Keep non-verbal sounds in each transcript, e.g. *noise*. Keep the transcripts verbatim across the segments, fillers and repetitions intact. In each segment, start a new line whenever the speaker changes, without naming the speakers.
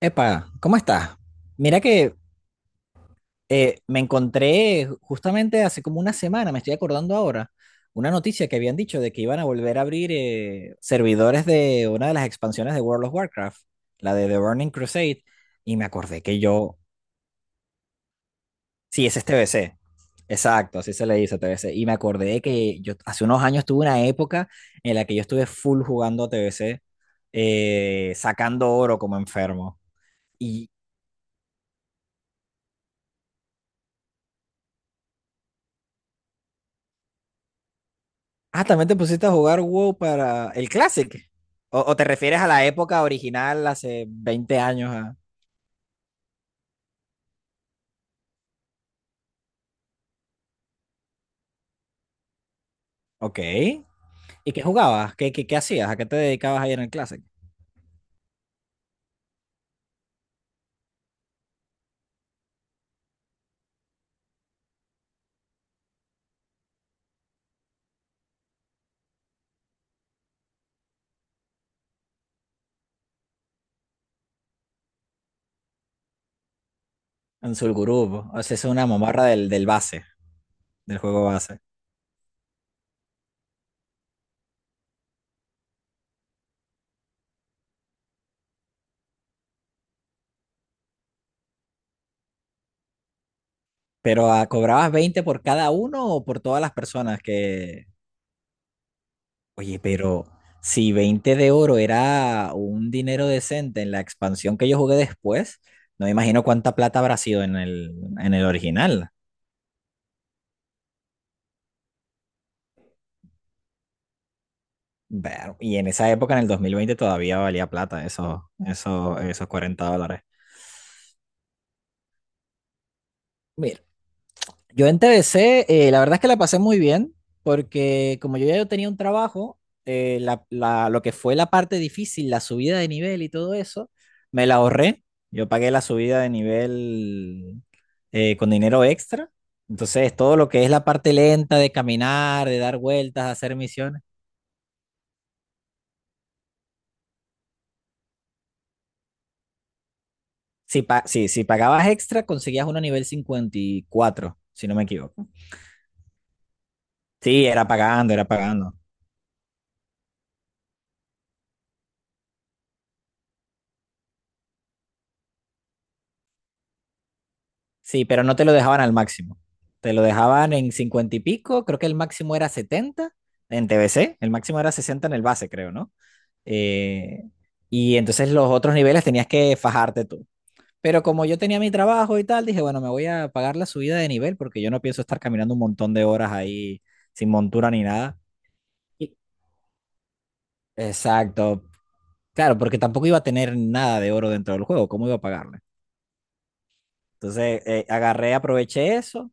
Epa, ¿cómo estás? Mira que eh, me encontré justamente hace como una semana, me estoy acordando ahora, una noticia que habían dicho de que iban a volver a abrir eh, servidores de una de las expansiones de World of Warcraft, la de The Burning Crusade, y me acordé que yo, sí, ese es T B C, exacto, así se le dice T B C, y me acordé que yo hace unos años tuve una época en la que yo estuve full jugando a T B C, eh, sacando oro como enfermo. Ah, también te pusiste a jugar WoW para el Classic. ¿O, o te refieres a la época original, hace veinte años? ¿Ah? Ok. ¿Y qué jugabas? ¿Qué, qué, qué hacías? ¿A qué te dedicabas ahí en el Classic? En Sulgurub. O sea, es una mamarra del, del base, del juego base. Pero ah, ¿cobrabas veinte por cada uno o por todas las personas que... Oye, pero si veinte de oro era un dinero decente en la expansión que yo jugué después, no me imagino cuánta plata habrá sido en el, en el original. Ver, y en esa época, en el dos mil veinte todavía valía plata esos, esos, esos cuarenta dólares. Mira, yo en T B C, eh, la verdad es que la pasé muy bien, porque como yo ya yo tenía un trabajo, eh, la- la- lo que fue la parte difícil, la subida de nivel y todo eso, me la ahorré. Yo pagué la subida de nivel eh, con dinero extra. Entonces, todo lo que es la parte lenta de caminar, de dar vueltas, hacer misiones. Si, pa- si, si pagabas extra, conseguías uno a nivel cincuenta y cuatro si no me equivoco. Sí, era pagando, era pagando. Sí, pero no te lo dejaban al máximo. Te lo dejaban en cincuenta y pico, creo que el máximo era setenta en T B C, el máximo era sesenta en el base, creo, ¿no? Eh, y entonces los otros niveles tenías que fajarte tú. Pero como yo tenía mi trabajo y tal, dije, bueno, me voy a pagar la subida de nivel porque yo no pienso estar caminando un montón de horas ahí sin montura ni nada. Y- Exacto. Claro, porque tampoco iba a tener nada de oro dentro del juego, ¿cómo iba a pagarle? Entonces eh, agarré, aproveché eso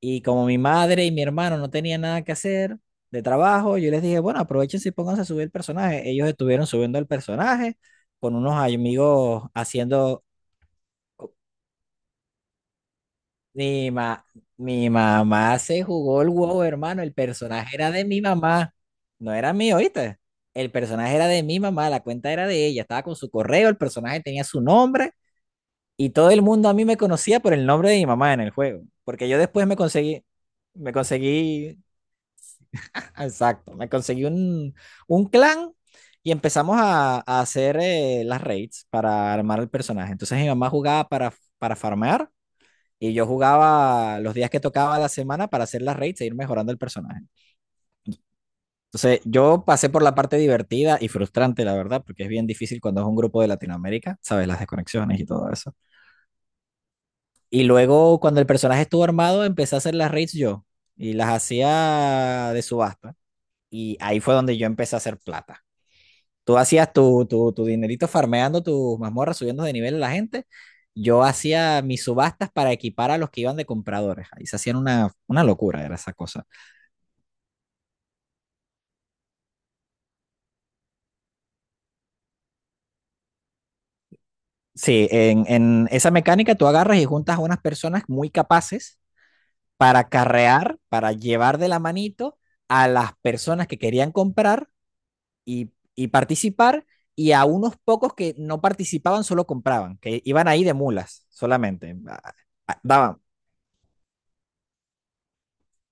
y como mi madre y mi hermano no tenían nada que hacer de trabajo, yo les dije, bueno, aprovechen y pónganse a subir el personaje. Ellos estuvieron subiendo el personaje con unos amigos haciendo... oh, Mi, ma- mi mamá se jugó el huevo, hermano. El personaje era de mi mamá, no era mío, ¿oíste? El personaje era de mi mamá, la cuenta era de ella. Estaba con su correo, el personaje tenía su nombre. Y todo el mundo a mí me conocía por el nombre de mi mamá en el juego, porque yo después me conseguí, me conseguí, *laughs* exacto, me conseguí un, un clan y empezamos a, a hacer eh, las raids para armar el personaje. Entonces mi mamá jugaba para, para farmear y yo jugaba los días que tocaba la semana para hacer las raids e ir mejorando el personaje. Entonces yo pasé por la parte divertida y frustrante, la verdad, porque es bien difícil cuando es un grupo de Latinoamérica, sabes, las desconexiones y todo eso. Y luego, cuando el personaje estuvo armado, empecé a hacer las raids yo y las hacía de subasta. Y ahí fue donde yo empecé a hacer plata. Tú hacías tu, tu, tu dinerito farmeando tus mazmorras, subiendo de nivel a la gente. Yo hacía mis subastas para equipar a los que iban de compradores. Ahí se hacían una, una locura, era esa cosa. Sí, en, en esa mecánica tú agarras y juntas a unas personas muy capaces para carrear, para llevar de la manito a las personas que querían comprar y, y participar y a unos pocos que no participaban solo compraban, que iban ahí de mulas solamente. Ah, ah, Daban,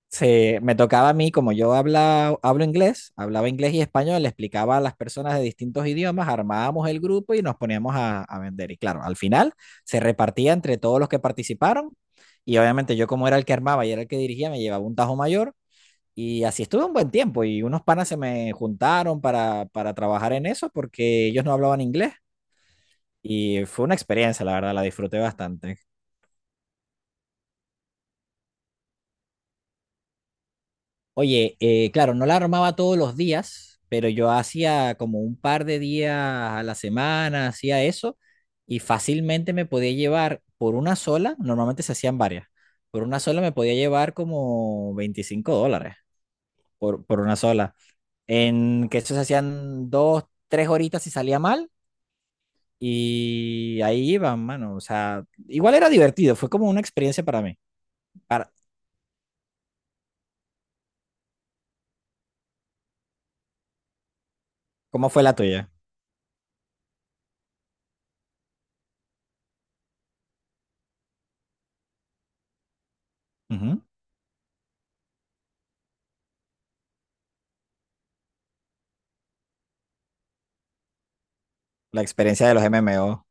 se, me tocaba a mí, como yo habla, hablo inglés, hablaba inglés y español, le explicaba a las personas de distintos idiomas, armábamos el grupo y nos poníamos a, a, vender. Y claro, al final se repartía entre todos los que participaron y obviamente yo como era el que armaba y era el que dirigía, me llevaba un tajo mayor. Y así estuve un buen tiempo y unos panas se me juntaron para, para trabajar en eso porque ellos no hablaban inglés. Y fue una experiencia, la verdad, la disfruté bastante. Oye, eh, claro, no la armaba todos los días, pero yo hacía como un par de días a la semana, hacía eso, y fácilmente me podía llevar por una sola, normalmente se hacían varias, por una sola me podía llevar como veinticinco dólares, por, por una sola. En que eso se hacían dos, tres horitas si salía mal, y ahí iban, mano. O sea, igual era divertido, fue como una experiencia para mí. Para, ¿cómo fue la tuya? La experiencia de los M M O.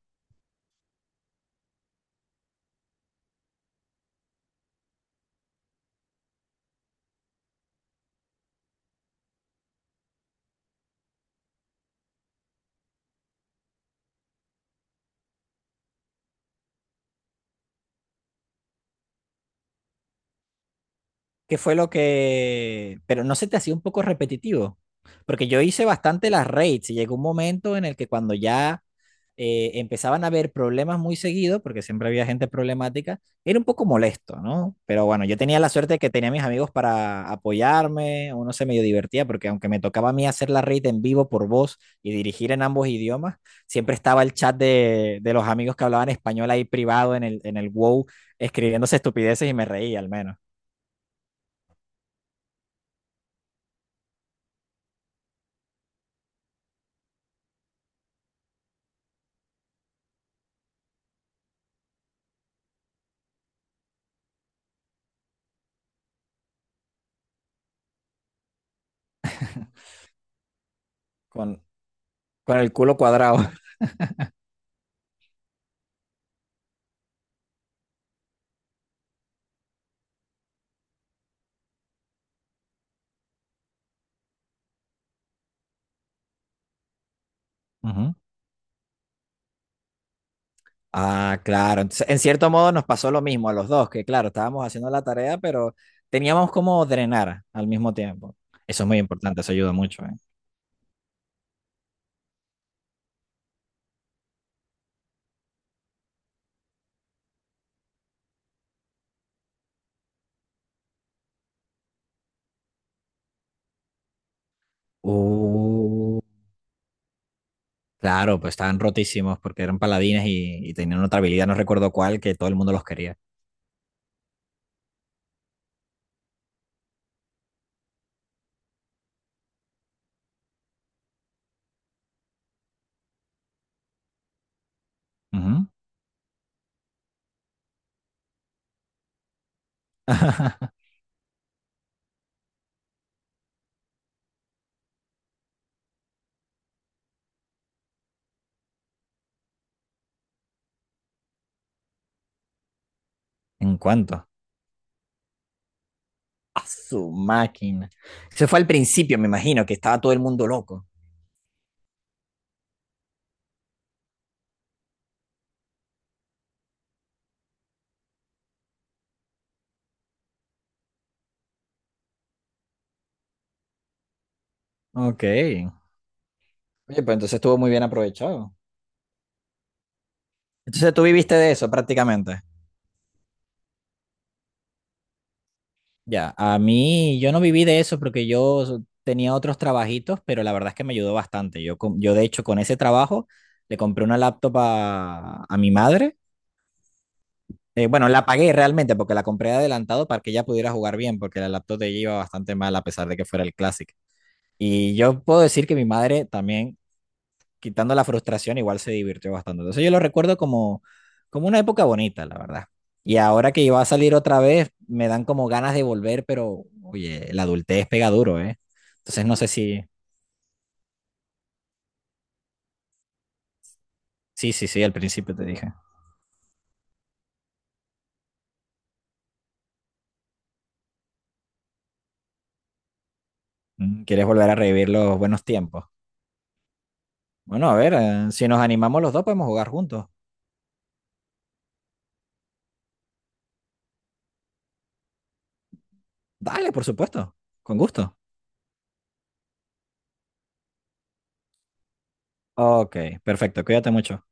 ¿Qué fue lo que...? Pero no se te hacía un poco repetitivo. Porque yo hice bastante las raids y llegó un momento en el que cuando ya eh, empezaban a haber problemas muy seguido, porque siempre había gente problemática, era un poco molesto, ¿no? Pero bueno, yo tenía la suerte de que tenía a mis amigos para apoyarme, uno se medio divertía, porque aunque me tocaba a mí hacer la red en vivo por voz y dirigir en ambos idiomas, siempre estaba el chat de, de los amigos que hablaban español ahí privado en el, en el WoW, escribiéndose estupideces y me reía al menos, con, con el culo cuadrado. Ujú. Ah, claro. Entonces, en cierto modo nos pasó lo mismo a los dos, que claro, estábamos haciendo la tarea, pero teníamos como drenar al mismo tiempo. Eso es muy importante, eso ayuda mucho, ¿eh? Uh, claro, pues estaban rotísimos porque eran paladines y, y tenían otra habilidad, no recuerdo cuál, que todo el mundo los quería. Ujú. ¿En cuánto? A su máquina. Eso fue al principio, me imagino, que estaba todo el mundo loco. Ok. Oye, pues entonces estuvo muy bien aprovechado. Entonces tú viviste de eso prácticamente. Ya, a mí yo no viví de eso porque yo tenía otros trabajitos, pero la verdad es que me ayudó bastante. Yo, con- yo de hecho con ese trabajo le compré una laptop a, a mi madre. Eh, bueno, la pagué realmente porque la compré adelantado para que ella pudiera jugar bien, porque la laptop de ella iba bastante mal a pesar de que fuera el Classic. Y yo puedo decir que mi madre también quitando la frustración, igual se divirtió bastante. Entonces yo lo recuerdo como, como una época bonita, la verdad. Y ahora que iba a salir otra vez, me dan como ganas de volver, pero oye, la adultez pega duro, ¿eh? Entonces no sé si... Sí, sí, sí, al principio te dije. Mm, ¿quieres volver a revivir los buenos tiempos? Bueno, a ver, eh, si nos animamos los dos podemos jugar juntos. Dale, por supuesto, con gusto. Ok, perfecto, cuídate mucho.